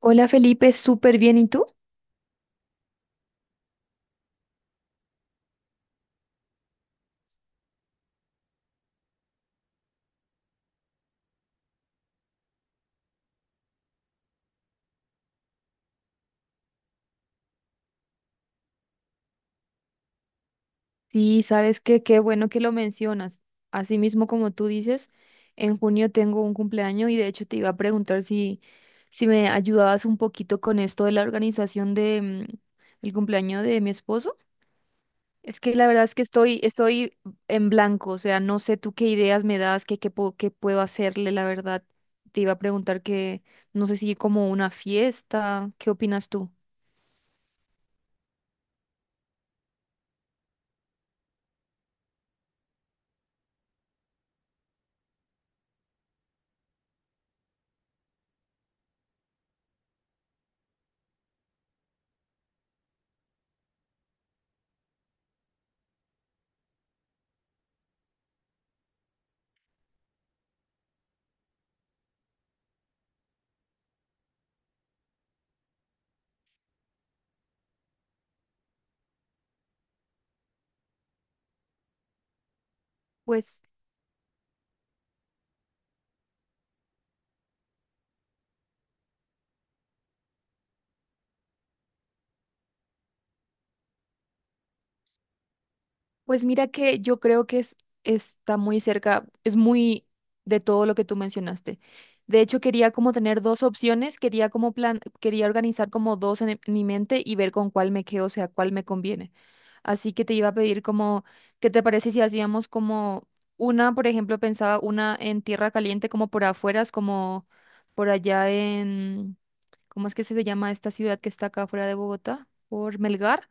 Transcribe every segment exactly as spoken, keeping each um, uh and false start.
Hola Felipe, súper bien. ¿Y tú? Sí, sabes que qué bueno que lo mencionas. Así mismo como tú dices, en junio tengo un cumpleaños y de hecho te iba a preguntar si, si me ayudabas un poquito con esto de la organización de, mm, el cumpleaños de mi esposo. Es que la verdad es que estoy, estoy en blanco, o sea, no sé tú qué ideas me das, qué, qué, puedo- qué puedo hacerle, la verdad. Te iba a preguntar que no sé si como una fiesta, ¿qué opinas tú? Pues Pues mira que yo creo que es, está muy cerca, es muy de todo lo que tú mencionaste. De hecho, quería como tener dos opciones, quería como plan, quería organizar como dos en, en mi mente y ver con cuál me quedo, o sea, cuál me conviene. Así que te iba a pedir como, ¿qué te parece si hacíamos como una? Por ejemplo, pensaba una en tierra caliente, como por afuera, es como por allá en... ¿cómo es que se llama esta ciudad que está acá afuera de Bogotá? Por Melgar.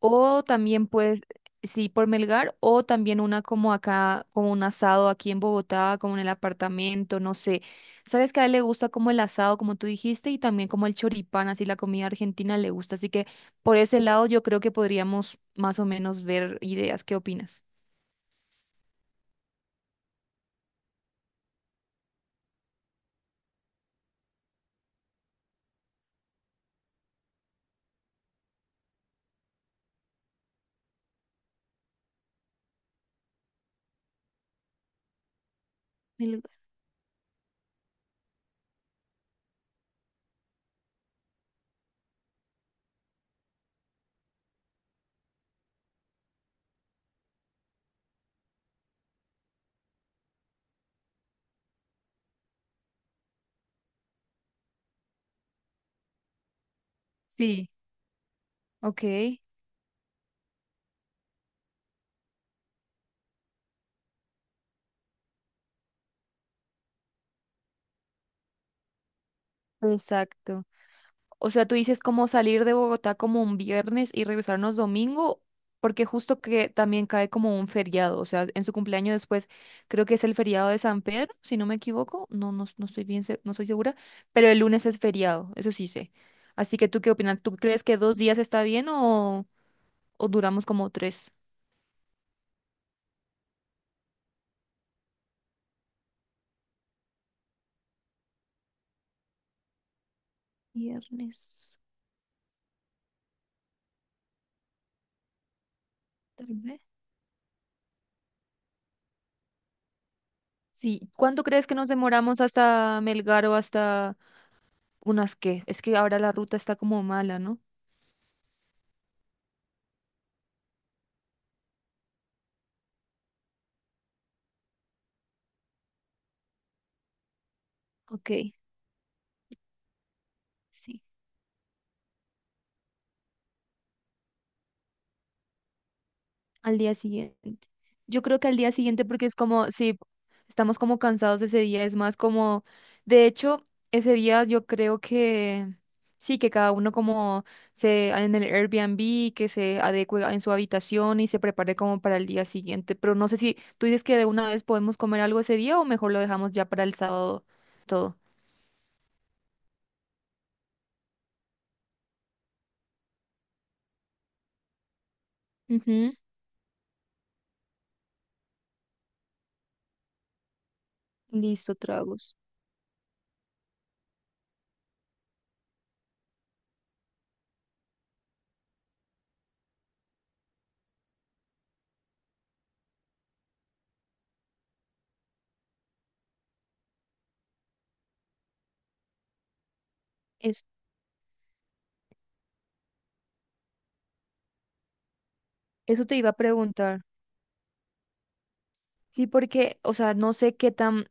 O también puedes, sí, por Melgar, o también una como acá, como un asado aquí en Bogotá, como en el apartamento, no sé. Sabes que a él le gusta como el asado, como tú dijiste, y también como el choripán, así la comida argentina le gusta. Así que por ese lado yo creo que podríamos más o menos ver ideas. ¿Qué opinas? Melgar. Sí, ok, exacto. O sea, tú dices como salir de Bogotá como un viernes y regresarnos domingo, porque justo que también cae como un feriado, o sea, en su cumpleaños después, creo que es el feriado de San Pedro, si no me equivoco. No, no, no estoy bien, se- no estoy segura, pero el lunes es feriado, eso sí sé. Así que tú qué opinas, ¿tú crees que dos días está bien o, o duramos como tres? Viernes, tarde. Sí, ¿cuánto crees que nos demoramos hasta Melgar o hasta unas qué? Es que ahora la ruta está como mala, ¿no? Ok, sí. Al día siguiente. Yo creo que al día siguiente porque es como, sí, estamos como cansados de ese día. Es más como, de hecho, ese día yo creo que sí, que cada uno como se en el Airbnb, que se adecue en su habitación y se prepare como para el día siguiente, pero no sé si tú dices que de una vez podemos comer algo ese día o mejor lo dejamos ya para el sábado todo. Ujú. Listo, tragos. Eso, eso te iba a preguntar. Sí, porque, o sea, no sé qué tan.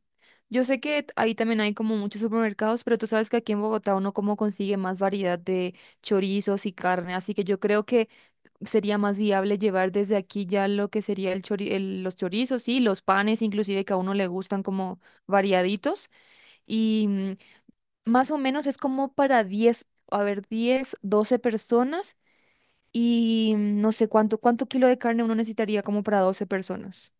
Yo sé que ahí también hay como muchos supermercados, pero tú sabes que aquí en Bogotá uno como consigue más variedad de chorizos y carne, así que yo creo que sería más viable llevar desde aquí ya lo que sería el chori- el- los chorizos y los panes, inclusive que a uno le gustan como variaditos. Y mm, más o menos es como para diez, a ver, diez, doce personas y mm, no sé cuánto, cuánto kilo de carne uno necesitaría como para doce personas.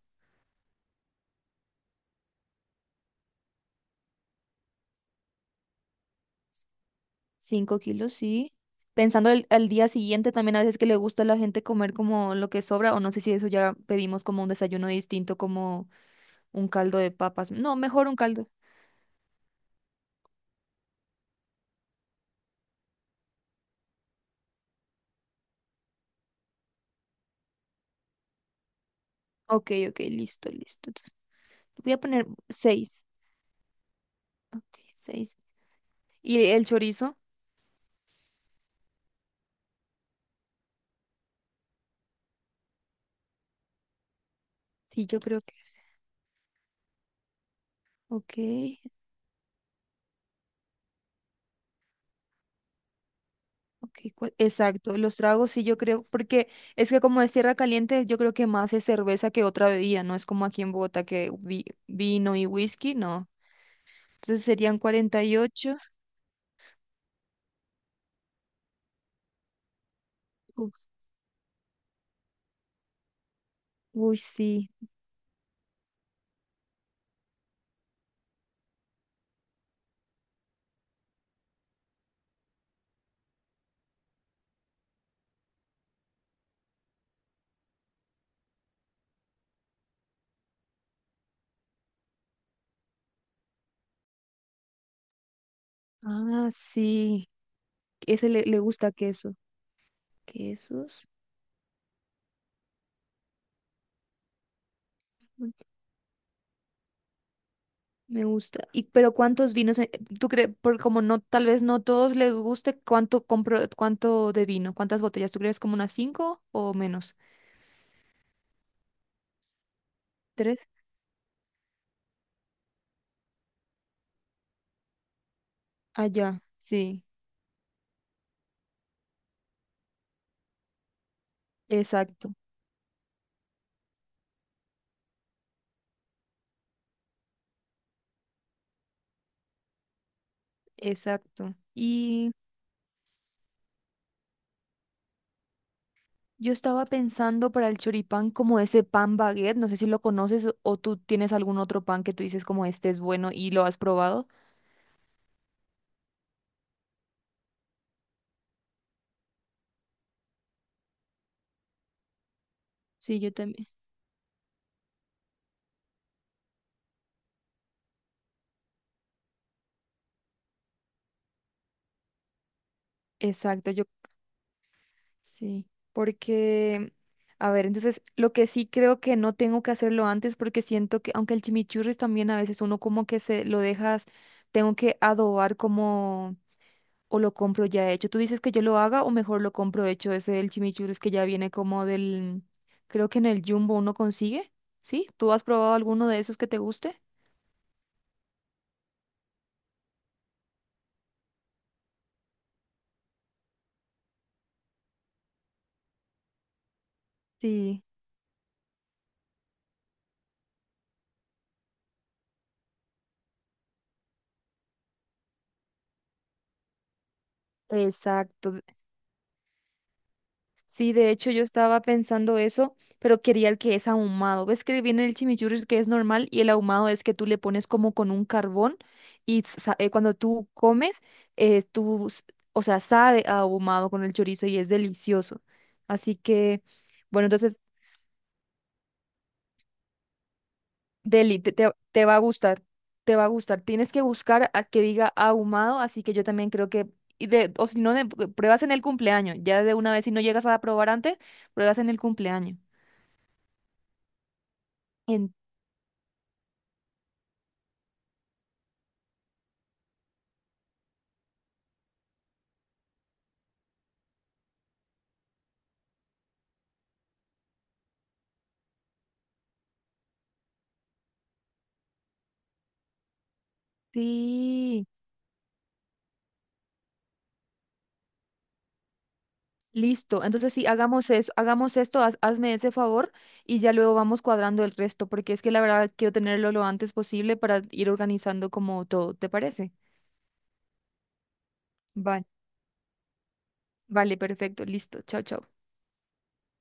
Cinco kilos, sí. Pensando el- al día siguiente también, a veces que le gusta a la gente comer como lo que sobra, o no sé si eso ya pedimos como un desayuno distinto, como un caldo de papas. No, mejor un caldo. Ok, ok, listo, listo. Entonces, voy a poner seis. Ok, seis. ¿Y el chorizo? Sí, yo creo que es. Ok, ok, cua- exacto. Los tragos sí, yo creo, porque es que como es tierra caliente, yo creo que más es cerveza que otra bebida, no es como aquí en Bogotá que vi- vino y whisky, no. Entonces serían cuarenta y ocho. Uf, uy, sí. Ah, sí. Ese le, le gusta queso. Quesos. mm, Me gusta. ¿Y pero cuántos vinos? eh, ¿Tú crees? Por como no, tal vez no todos les guste, ¿cuánto compro, cuánto de vino? ¿Cuántas botellas? ¿Tú crees como unas cinco o menos? ¿Tres? Allá. Sí. Exacto. Exacto. Y yo estaba pensando para el choripán como ese pan baguette. No sé si lo conoces o tú tienes algún otro pan que tú dices como este es bueno y lo has probado. Sí, yo también. Exacto, yo sí, porque, a ver, entonces lo que sí creo que no tengo que hacerlo antes porque siento que, aunque el chimichurri también a veces uno como que se lo dejas, tengo que adobar como, o lo compro ya hecho. ¿Tú dices que yo lo haga o mejor lo compro hecho? Ese el chimichurri que ya viene como del, creo que en el Jumbo uno consigue, ¿sí? ¿Tú has probado alguno de esos que te guste? Sí, exacto. Sí, de hecho yo estaba pensando eso, pero quería el que es ahumado. ¿Ves que viene el chimichurri que es normal, y el ahumado es que tú le pones como con un carbón y sa- eh, cuando tú comes, eh, tú, s- o sea, sabe a ahumado con el chorizo y es delicioso. Así que, bueno, entonces, Deli, te, te- te va a gustar, te va a gustar. Tienes que buscar a que diga ahumado, así que yo también creo que. Y de, o si no, de- pruebas en el cumpleaños, ya de una vez. Si no llegas a probar antes, pruebas en el cumpleaños. Sí, listo. Entonces sí, hagamos eso, hagamos esto, haz- hazme ese favor y ya luego vamos cuadrando el resto, porque es que la verdad quiero tenerlo lo antes posible para ir organizando como todo. ¿Te parece? Vale, vale, perfecto, listo. Chao, chao.